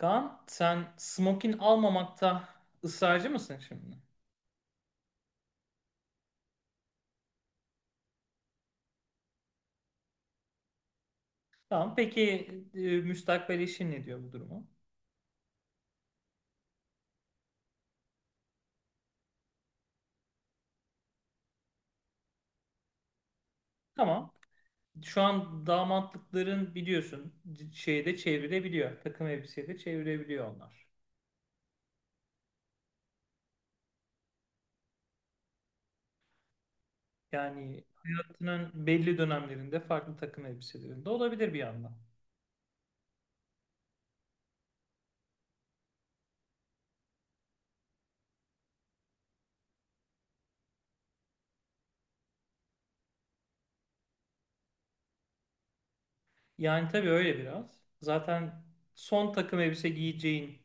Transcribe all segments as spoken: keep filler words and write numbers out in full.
Kaan sen smokin almamakta ısrarcı mısın şimdi? Tamam peki. E, müstakbel eşin ne diyor bu duruma? Tamam, şu an damatlıkların biliyorsun c- şeyde çevirebiliyor. Takım elbiseyle çevirebiliyor onlar. Yani hayatının belli dönemlerinde farklı takım elbiselerinde olabilir bir yandan. Yani tabii öyle biraz. Zaten son takım elbise giyeceğin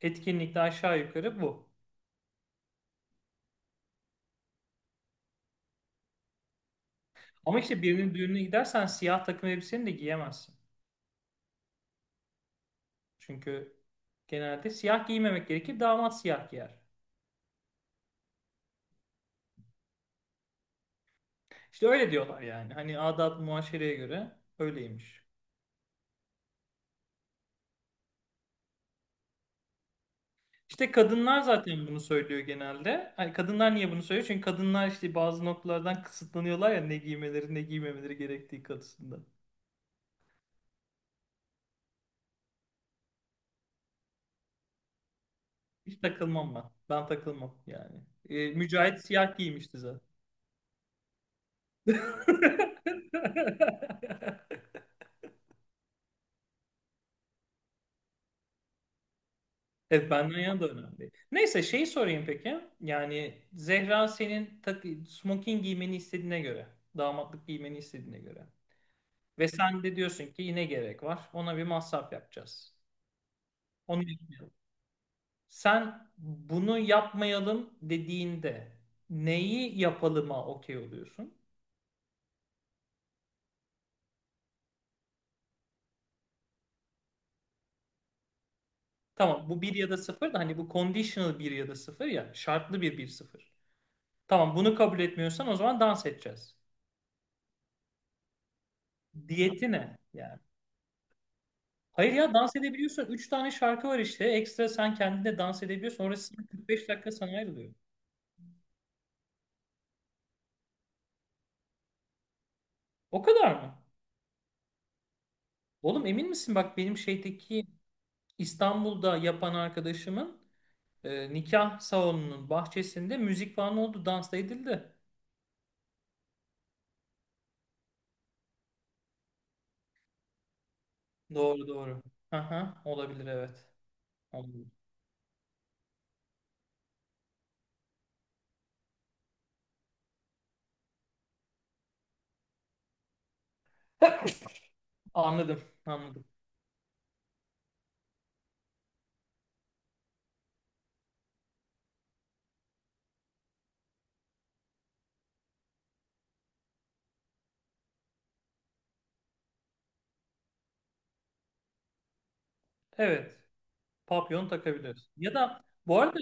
etkinlikte aşağı yukarı bu. Ama işte birinin düğününe gidersen siyah takım elbiseni de giyemezsin. Çünkü genelde siyah giymemek gerekir. Damat siyah giyer. İşte öyle diyorlar yani. Hani adat muaşereye göre öyleymiş. İşte kadınlar zaten bunu söylüyor genelde. Hani kadınlar niye bunu söylüyor? Çünkü kadınlar işte bazı noktalardan kısıtlanıyorlar ya, ne giymeleri ne giymemeleri gerektiği konusunda. Hiç takılmam ben. Ben takılmam yani. E, Mücahit siyah giymişti zaten. Evet, benden yana da önemli. Neyse şeyi sorayım peki. Yani Zehra senin tak smoking giymeni istediğine göre, damatlık giymeni istediğine göre. Ve sen de diyorsun ki yine gerek var. Ona bir masraf yapacağız. Onu yapmayalım. Sen bunu yapmayalım dediğinde neyi yapalıma okey oluyorsun? Tamam, bu bir ya da sıfır da hani bu conditional bir ya da sıfır, ya şartlı bir bir sıfır. Tamam, bunu kabul etmiyorsan o zaman dans edeceğiz. Diyeti ne yani? Hayır ya, dans edebiliyorsun. Üç tane şarkı var işte. Ekstra sen kendine dans edebiliyorsun. Orası sana kırk beş dakika sana ayrılıyor. O kadar mı? Oğlum emin misin? Bak benim şeydeki İstanbul'da yapan arkadaşımın e, nikah salonunun bahçesinde müzik falan oldu. Dans da edildi. Doğru doğru. Aha, olabilir, evet. Olabilir. Anladım, anladım. Evet, papyon takabiliriz. Ya da bu arada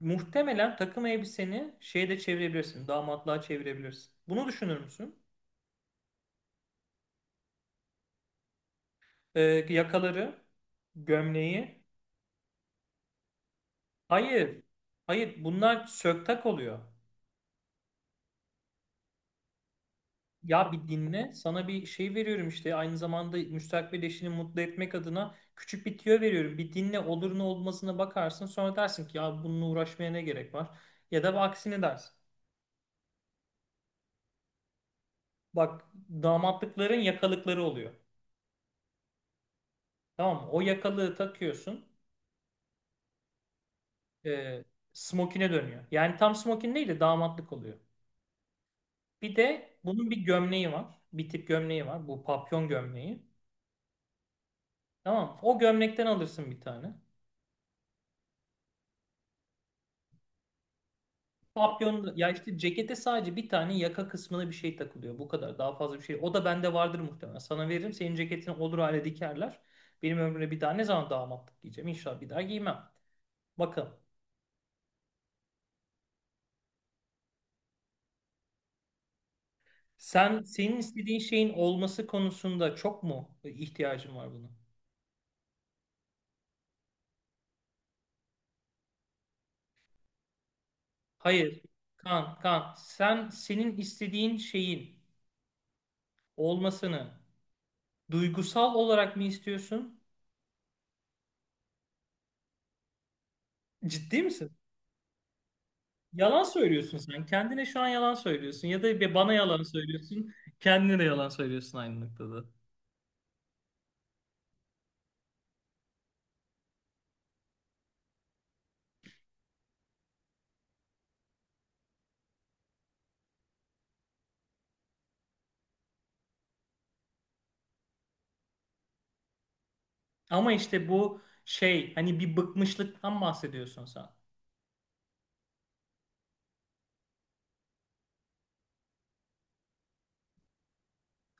muhtemelen takım elbiseni şeye de çevirebilirsin, damatlığa çevirebilirsin. Bunu düşünür müsün? e, Yakaları, gömleği. Hayır, hayır, bunlar söktak oluyor. Ya bir dinle, sana bir şey veriyorum işte, aynı zamanda müstakbel eşini mutlu etmek adına küçük bir tüyo veriyorum. Bir dinle, olur ne olmasına bakarsın, sonra dersin ki ya bununla uğraşmaya ne gerek var? Ya da aksini dersin. Bak, damatlıkların yakalıkları oluyor. Tamam mı? O yakalığı takıyorsun. E, smokine dönüyor. Yani tam smokin değil de damatlık oluyor. Bir de bunun bir gömleği var. Bir tip gömleği var. Bu papyon gömleği. Tamam mı? O gömlekten alırsın bir tane. Papyon ya, işte cekete sadece bir tane yaka kısmına bir şey takılıyor. Bu kadar. Daha fazla bir şey. O da bende vardır muhtemelen. Sana veririm. Senin ceketini olur hale dikerler. Benim ömrümde bir daha ne zaman damatlık giyeceğim? İnşallah bir daha giymem. Bakalım. Sen senin istediğin şeyin olması konusunda çok mu ihtiyacın var buna? Hayır. Kan, kan. Sen senin istediğin şeyin olmasını duygusal olarak mı istiyorsun? Ciddi misin? Yalan söylüyorsun sen. Kendine şu an yalan söylüyorsun. Ya da bir bana yalan söylüyorsun. Kendine de yalan söylüyorsun aynı noktada. Ama işte bu şey, hani bir bıkmışlıktan bahsediyorsun sen.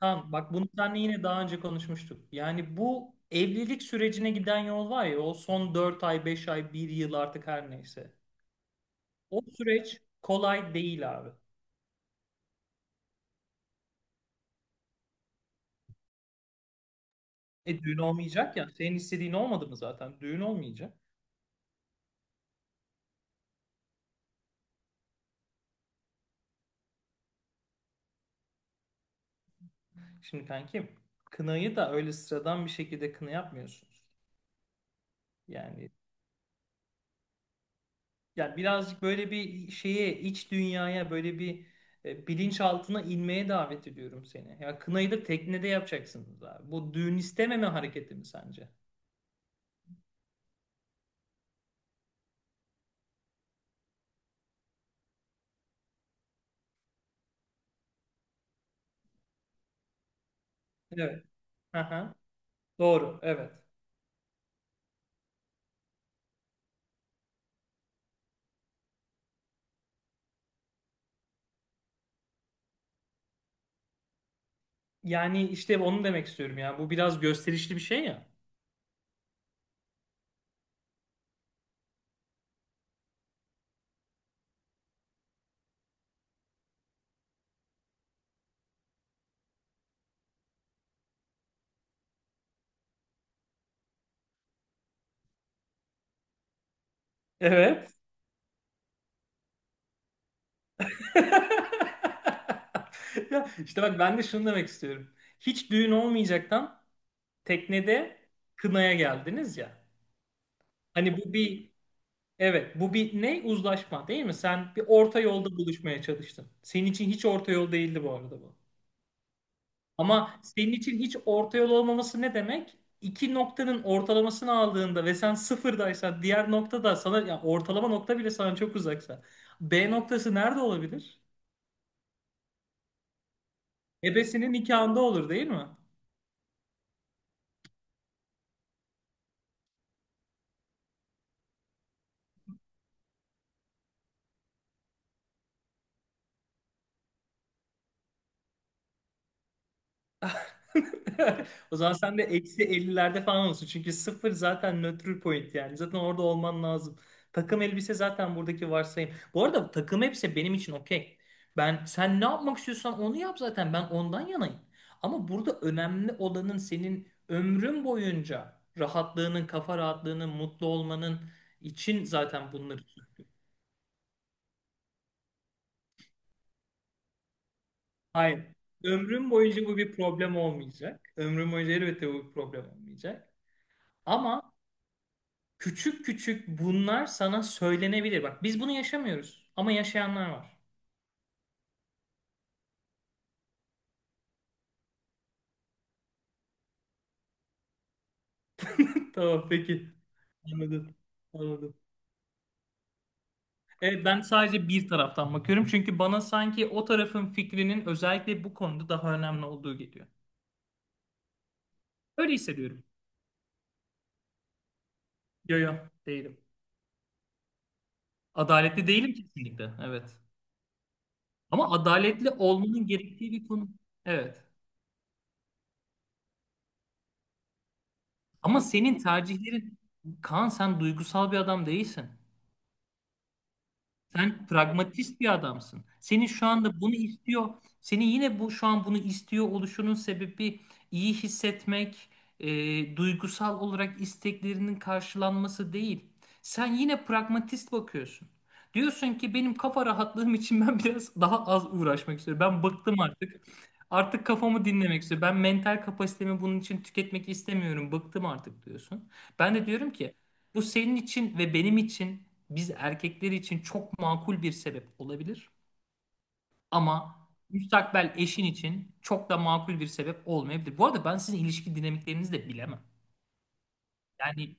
Tamam bak, bunu seninle yine daha önce konuşmuştuk. Yani bu evlilik sürecine giden yol var ya, o son dört ay, beş ay, bir yıl, artık her neyse. O süreç kolay değil abi. E düğün olmayacak ya. Senin istediğin olmadı mı zaten? Düğün olmayacak. Şimdi kankim, kınayı da öyle sıradan bir şekilde kına yapmıyorsunuz. Yani ya birazcık böyle bir şeye, iç dünyaya, böyle bir e, bilinçaltına inmeye davet ediyorum seni. Ya kınayı da teknede yapacaksınız abi. Bu düğün istememe hareketi mi sence? Evet. Aha. Doğru. Evet. Yani işte onu demek istiyorum ya. Bu biraz gösterişli bir şey ya. Evet. Ya işte bak, ben de şunu demek istiyorum. Hiç düğün olmayacaktan teknede kınaya geldiniz ya. Hani bu bir, evet, bu bir ne, uzlaşma değil mi? Sen bir orta yolda buluşmaya çalıştın. Senin için hiç orta yol değildi bu arada bu. Ama senin için hiç orta yol olmaması ne demek? İki noktanın ortalamasını aldığında ve sen sıfırdaysan, diğer nokta da sana, ya ortalama nokta bile sana çok uzaksa. B noktası nerede olabilir? Ebesinin nikahında olur değil mi? O zaman sen de eksi ellilerde falan olsun. Çünkü sıfır zaten nötr point yani. Zaten orada olman lazım. Takım elbise zaten buradaki varsayım. Bu arada takım elbise benim için okey. Ben, sen ne yapmak istiyorsan onu yap zaten. Ben ondan yanayım. Ama burada önemli olanın senin ömrün boyunca rahatlığının, kafa rahatlığının, mutlu olmanın için zaten bunları. Hayır. Ömrüm boyunca bu bir problem olmayacak. Ömrüm boyunca elbette bu bir problem olmayacak. Ama küçük küçük bunlar sana söylenebilir. Bak biz bunu yaşamıyoruz ama yaşayanlar var. Tamam peki. Anladım. Anladım. Evet, ben sadece bir taraftan bakıyorum çünkü bana sanki o tarafın fikrinin özellikle bu konuda daha önemli olduğu geliyor. Öyle hissediyorum. Yo yo, değilim. Adaletli değilim kesinlikle. Evet. Ama adaletli olmanın gerektiği bir konu. Evet. Ama senin tercihlerin, Kaan sen duygusal bir adam değilsin. Sen pragmatist bir adamsın. Senin şu anda bunu istiyor, senin yine bu şu an bunu istiyor oluşunun sebebi iyi hissetmek, e, duygusal olarak isteklerinin karşılanması değil. Sen yine pragmatist bakıyorsun. Diyorsun ki benim kafa rahatlığım için ben biraz daha az uğraşmak istiyorum. Ben bıktım artık. Artık kafamı dinlemek istiyorum. Ben mental kapasitemi bunun için tüketmek istemiyorum. Bıktım artık diyorsun. Ben de diyorum ki bu senin için ve benim için, biz erkekler için çok makul bir sebep olabilir ama müstakbel eşin için çok da makul bir sebep olmayabilir. Bu arada ben sizin ilişki dinamiklerinizi de bilemem. Yani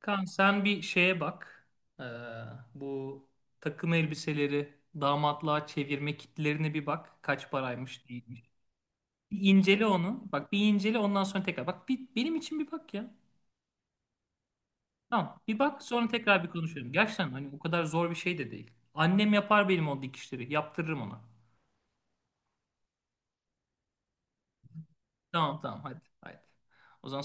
kan, sen bir şeye bak. Ee, bu takım elbiseleri damatlığa çevirme kitlerine bir bak. Kaç paraymış değilmiş. Bir incele onu. Bak bir incele, ondan sonra tekrar. Bak bir, benim için bir bak ya. Tamam. Bir bak sonra tekrar bir konuşalım. Gerçekten hani o kadar zor bir şey de değil. Annem yapar benim o dikişleri. Yaptırırım ona. Tamam tamam, hadi. Hadi. O zaman